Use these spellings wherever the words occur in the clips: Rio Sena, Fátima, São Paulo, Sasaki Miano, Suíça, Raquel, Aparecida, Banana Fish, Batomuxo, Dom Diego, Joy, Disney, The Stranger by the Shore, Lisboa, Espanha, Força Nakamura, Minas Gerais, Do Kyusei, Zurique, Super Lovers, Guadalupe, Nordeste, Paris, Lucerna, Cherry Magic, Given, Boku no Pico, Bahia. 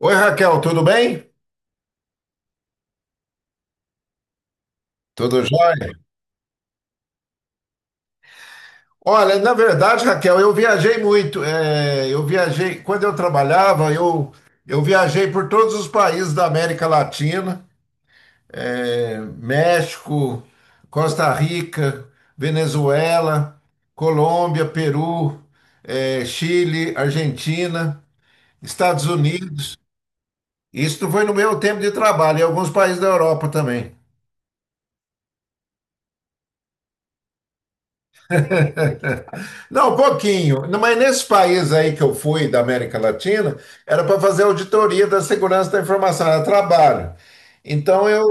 Oi, Raquel, tudo bem? Tudo jóia? Olha, na verdade, Raquel, eu viajei muito. É, eu viajei, quando eu trabalhava, eu viajei por todos os países da América Latina, é, México, Costa Rica, Venezuela, Colômbia, Peru, é, Chile, Argentina, Estados Unidos. Isso foi no meu tempo de trabalho, e alguns países da Europa também. Não, um pouquinho. Não, mas nesse país aí que eu fui, da América Latina, era para fazer auditoria da segurança da informação, era trabalho. Então eu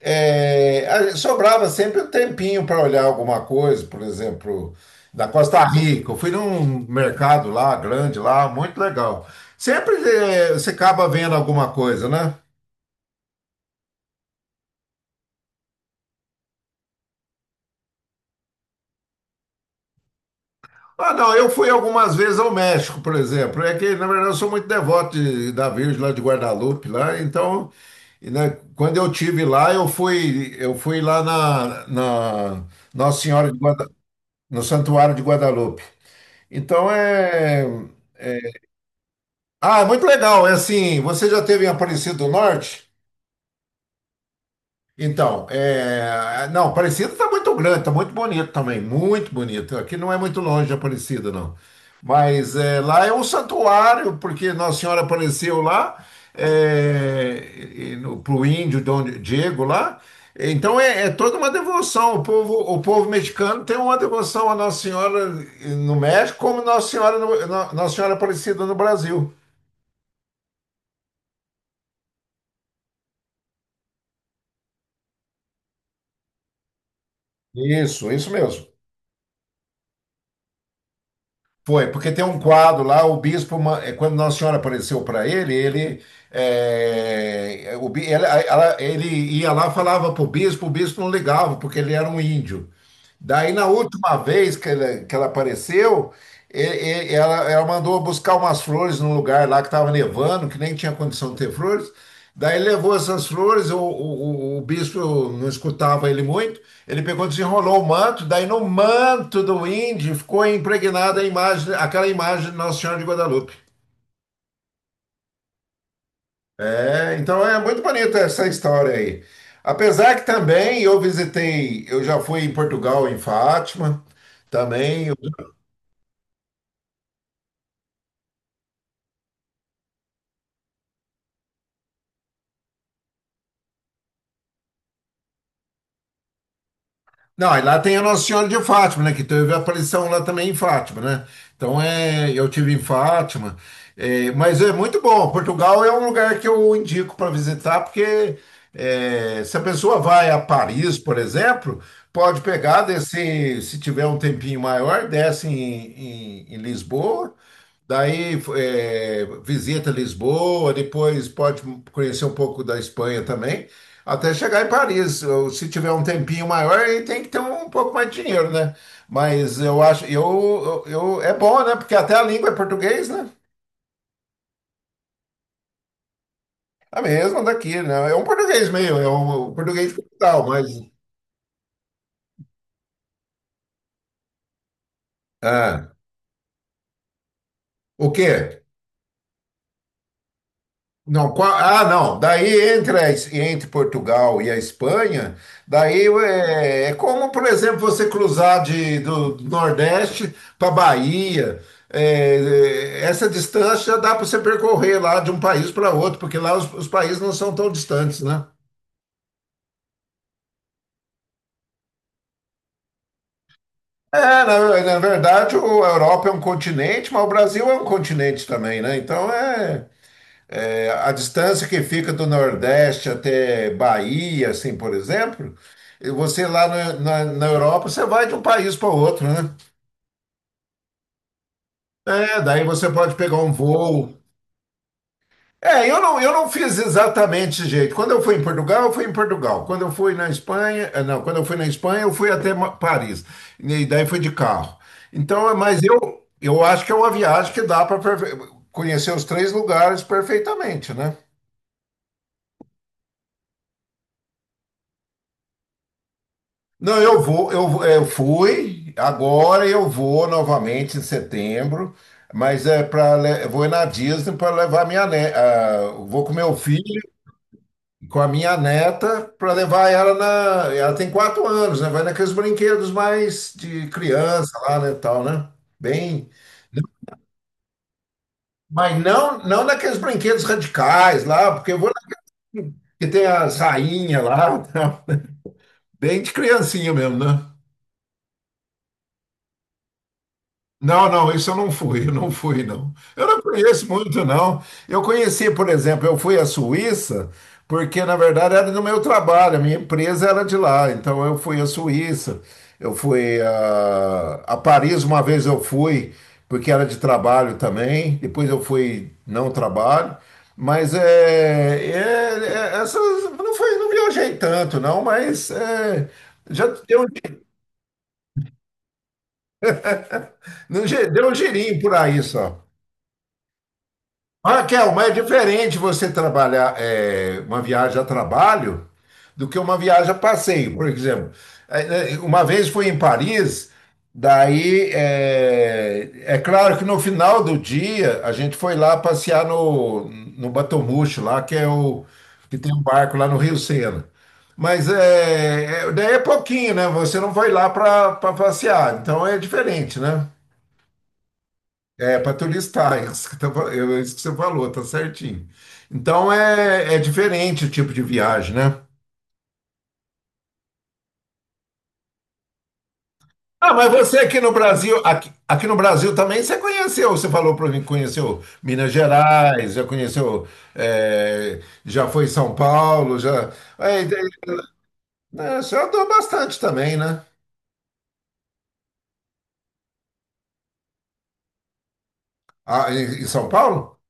sobrava sempre um tempinho para olhar alguma coisa, por exemplo, na Costa Rica. Eu fui num mercado lá, grande lá, muito legal. Sempre você acaba vendo alguma coisa, né? Ah, não, eu fui algumas vezes ao México, por exemplo. É que, na verdade, eu sou muito devoto da Virgem lá de Guadalupe, lá, então, e, né, quando eu tive lá, eu fui lá na, na Nossa Senhora de Guada, no Santuário de Guadalupe. Então é. Ah, é muito legal. É assim, você já teve em Aparecido do Norte? Então, não, Aparecida está muito grande, está muito bonito também, muito bonito. Aqui não é muito longe de Aparecida, não. Mas é, lá é um santuário, porque Nossa Senhora apareceu lá é, para o índio Dom Diego lá. Então é, é toda uma devoção. O povo mexicano tem uma devoção a Nossa Senhora no México, como Nossa Senhora, Nossa Senhora Aparecida no Brasil. Isso mesmo. Foi, porque tem um quadro lá, o bispo, quando Nossa Senhora apareceu para ele, ele, é, o, bi- ela- ela- ele ia lá, falava para o bispo não ligava, porque ele era um índio. Daí, na última vez que ela, apareceu, ela mandou buscar umas flores num lugar lá que estava nevando, que nem tinha condição de ter flores. Daí levou essas flores, o bispo não escutava ele muito, ele pegou, desenrolou o manto, daí no manto do índio ficou impregnada a imagem, aquela imagem de Nossa Senhora de Guadalupe. É, então é muito bonita essa história aí. Apesar que também eu visitei, eu já fui em Portugal, em Fátima, também. Não, e lá tem a Nossa Senhora de Fátima, né? Que teve a aparição lá também em Fátima, né? Então, eu tive em Fátima, mas é muito bom. Portugal é um lugar que eu indico para visitar, porque se a pessoa vai a Paris, por exemplo, pode pegar, descer, se tiver um tempinho maior, desce em, em Lisboa, daí visita Lisboa, depois pode conhecer um pouco da Espanha também. Até chegar em Paris, se tiver um tempinho maior, aí tem que ter um pouco mais de dinheiro, né? Mas eu acho, é bom, né? Porque até a língua é português, né? É a mesma daqui, né? É um português meio, é um português capital, mas. Ah, o quê? Não, não. Daí entre, entre Portugal e a Espanha, daí é como, por exemplo, você cruzar de, do Nordeste para Bahia. É, essa distância dá para você percorrer lá de um país para outro, porque lá os países não são tão distantes, né? É, na verdade, a Europa é um continente, mas o Brasil é um continente também, né? Então é. É, a distância que fica do Nordeste até Bahia, assim, por exemplo, e você lá na, na Europa, você vai de um país para outro, né? É, daí você pode pegar um voo. É, eu não fiz exatamente esse jeito. Quando eu fui em Portugal, eu fui em Portugal. Quando eu fui na Espanha, não, quando eu fui na Espanha, eu fui até Paris. E daí fui de carro. Então, mas eu acho que é uma viagem que dá para conhecer os três lugares perfeitamente, né? Não, eu vou, eu fui, agora eu vou novamente em setembro, mas é para eu vou ir na Disney para levar minha vou com meu filho, com a minha neta, para levar ela ela tem 4 anos, né? Vai naqueles brinquedos mais de criança lá, né, tal, né? Bem, mas não, não naqueles brinquedos radicais lá, porque eu vou que tem as rainhas lá, bem de criancinha mesmo, né? Não, não, isso eu não fui, eu não fui, não. Eu não conheço muito, não. Eu conheci, por exemplo, eu fui à Suíça, porque na verdade era do meu trabalho, a minha empresa era de lá, então eu fui à Suíça, eu fui a Paris uma vez eu fui, porque era de trabalho também, depois eu fui não trabalho, mas é- é- essas, não foi, não viajei tanto, não, mas é, já deu, deu um girinho por aí só. Raquel, mas é diferente você trabalhar uma viagem a trabalho do que uma viagem a passeio. Por exemplo, uma vez fui em Paris, daí é claro que no final do dia a gente foi lá passear no, no Batomuxo, lá que é o que tem um barco lá no Rio Sena. Mas daí é pouquinho, né? Você não foi lá para passear, então é diferente, né? É, para tu listar, é isso é isso que você falou, tá certinho. Então é diferente o tipo de viagem, né? Ah, mas você aqui no Brasil, aqui no Brasil também você conheceu, você falou para mim que conheceu Minas Gerais, já conheceu, já foi em São Paulo, já. É, né, você andou bastante também, né? Ah, em São Paulo?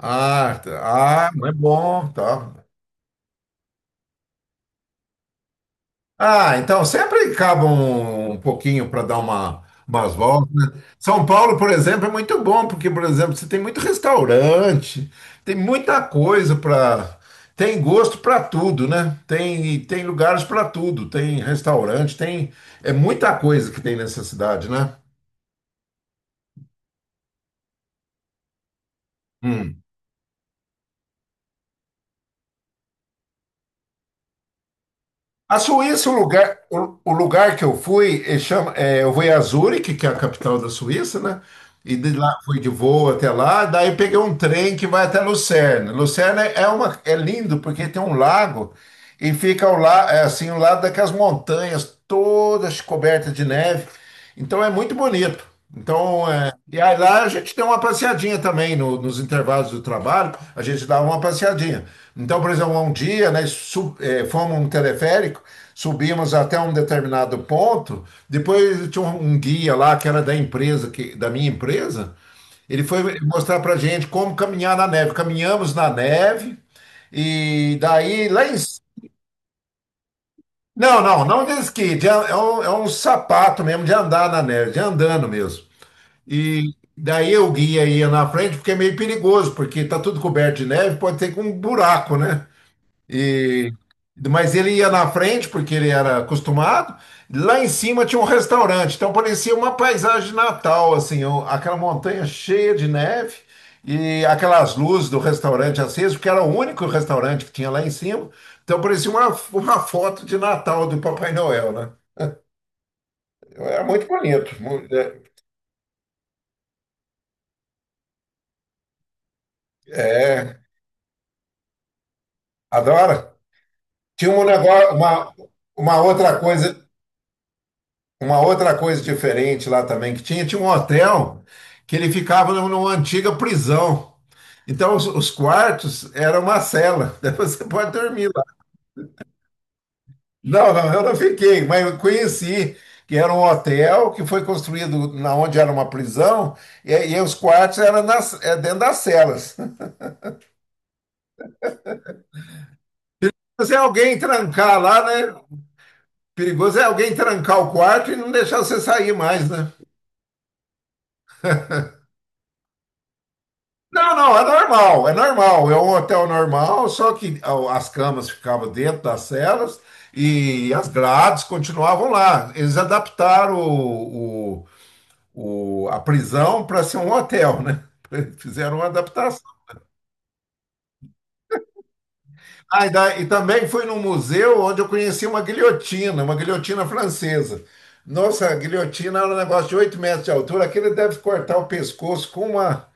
Ah, tá. Ah, não é bom, tá. Ah, então sempre acaba um pouquinho para dar uma, umas voltas, né? São Paulo, por exemplo, é muito bom, porque, por exemplo, você tem muito restaurante, tem muita coisa para. Tem gosto para tudo, né? Tem lugares para tudo, tem restaurante, tem. É muita coisa que tem nessa cidade, né? Hum. A Suíça, o lugar que eu fui, eu fui a Zurique, que é a capital da Suíça, né? E de lá fui de voo até lá, daí peguei um trem que vai até Lucerna. Lucerna é uma é lindo porque tem um lago e fica é assim, ao lado daquelas montanhas todas cobertas de neve. Então é muito bonito. Então, e aí lá a gente tem uma passeadinha também nos intervalos do trabalho, a gente dava uma passeadinha. Então, por exemplo, um dia, né, fomos um teleférico, subimos até um determinado ponto, depois tinha um guia lá que era da empresa, da minha empresa, ele foi mostrar pra gente como caminhar na neve. Caminhamos na neve e daí lá em... Não, não, não de esqui, é um sapato mesmo de andar na neve, de andando mesmo. E daí eu guia ia na frente, porque é meio perigoso, porque tá tudo coberto de neve, pode ter com um buraco, né? E, mas ele ia na frente, porque ele era acostumado. Lá em cima tinha um restaurante, então parecia uma paisagem de Natal, assim, ó, aquela montanha cheia de neve e aquelas luzes do restaurante acesas, porque era o único restaurante que tinha lá em cima. Então parecia uma foto de Natal do Papai Noel, né? Era muito bonito. É, adora. Tinha um negócio, uma outra coisa, uma outra coisa diferente lá também que tinha um hotel que ele ficava numa antiga prisão. Então os quartos eram uma cela, daí você pode dormir lá. Não, não, eu não fiquei, mas eu conheci que era um hotel que foi construído na onde era uma prisão e os quartos eram dentro das celas. Mas se alguém trancar lá, né? Perigoso é alguém trancar o quarto e não deixar você sair mais, né? Não, não, é normal, é normal. É um hotel normal, só que ó, as camas ficavam dentro das celas e as grades continuavam lá. Eles adaptaram a prisão para ser um hotel, né? Fizeram uma adaptação. Ah, e também fui num museu onde eu conheci uma guilhotina francesa. Nossa, a guilhotina era um negócio de 8 metros de altura, aquele deve cortar o pescoço com uma,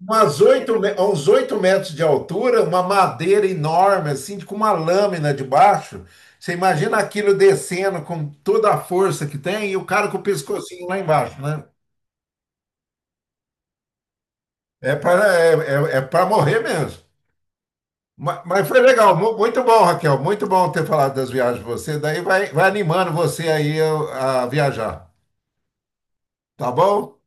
umas oito, uns 8 metros de altura, uma madeira enorme, assim, com uma lâmina debaixo. Você imagina aquilo descendo com toda a força que tem e o cara com o pescocinho lá embaixo, né? É para é, é para morrer mesmo. Mas, foi legal, muito bom, Raquel, muito bom ter falado das viagens de você. Daí vai, vai animando você aí a viajar, tá bom?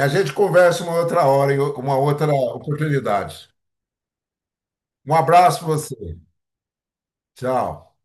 A gente conversa uma outra hora, em uma outra oportunidade. Um abraço para você. Tchau.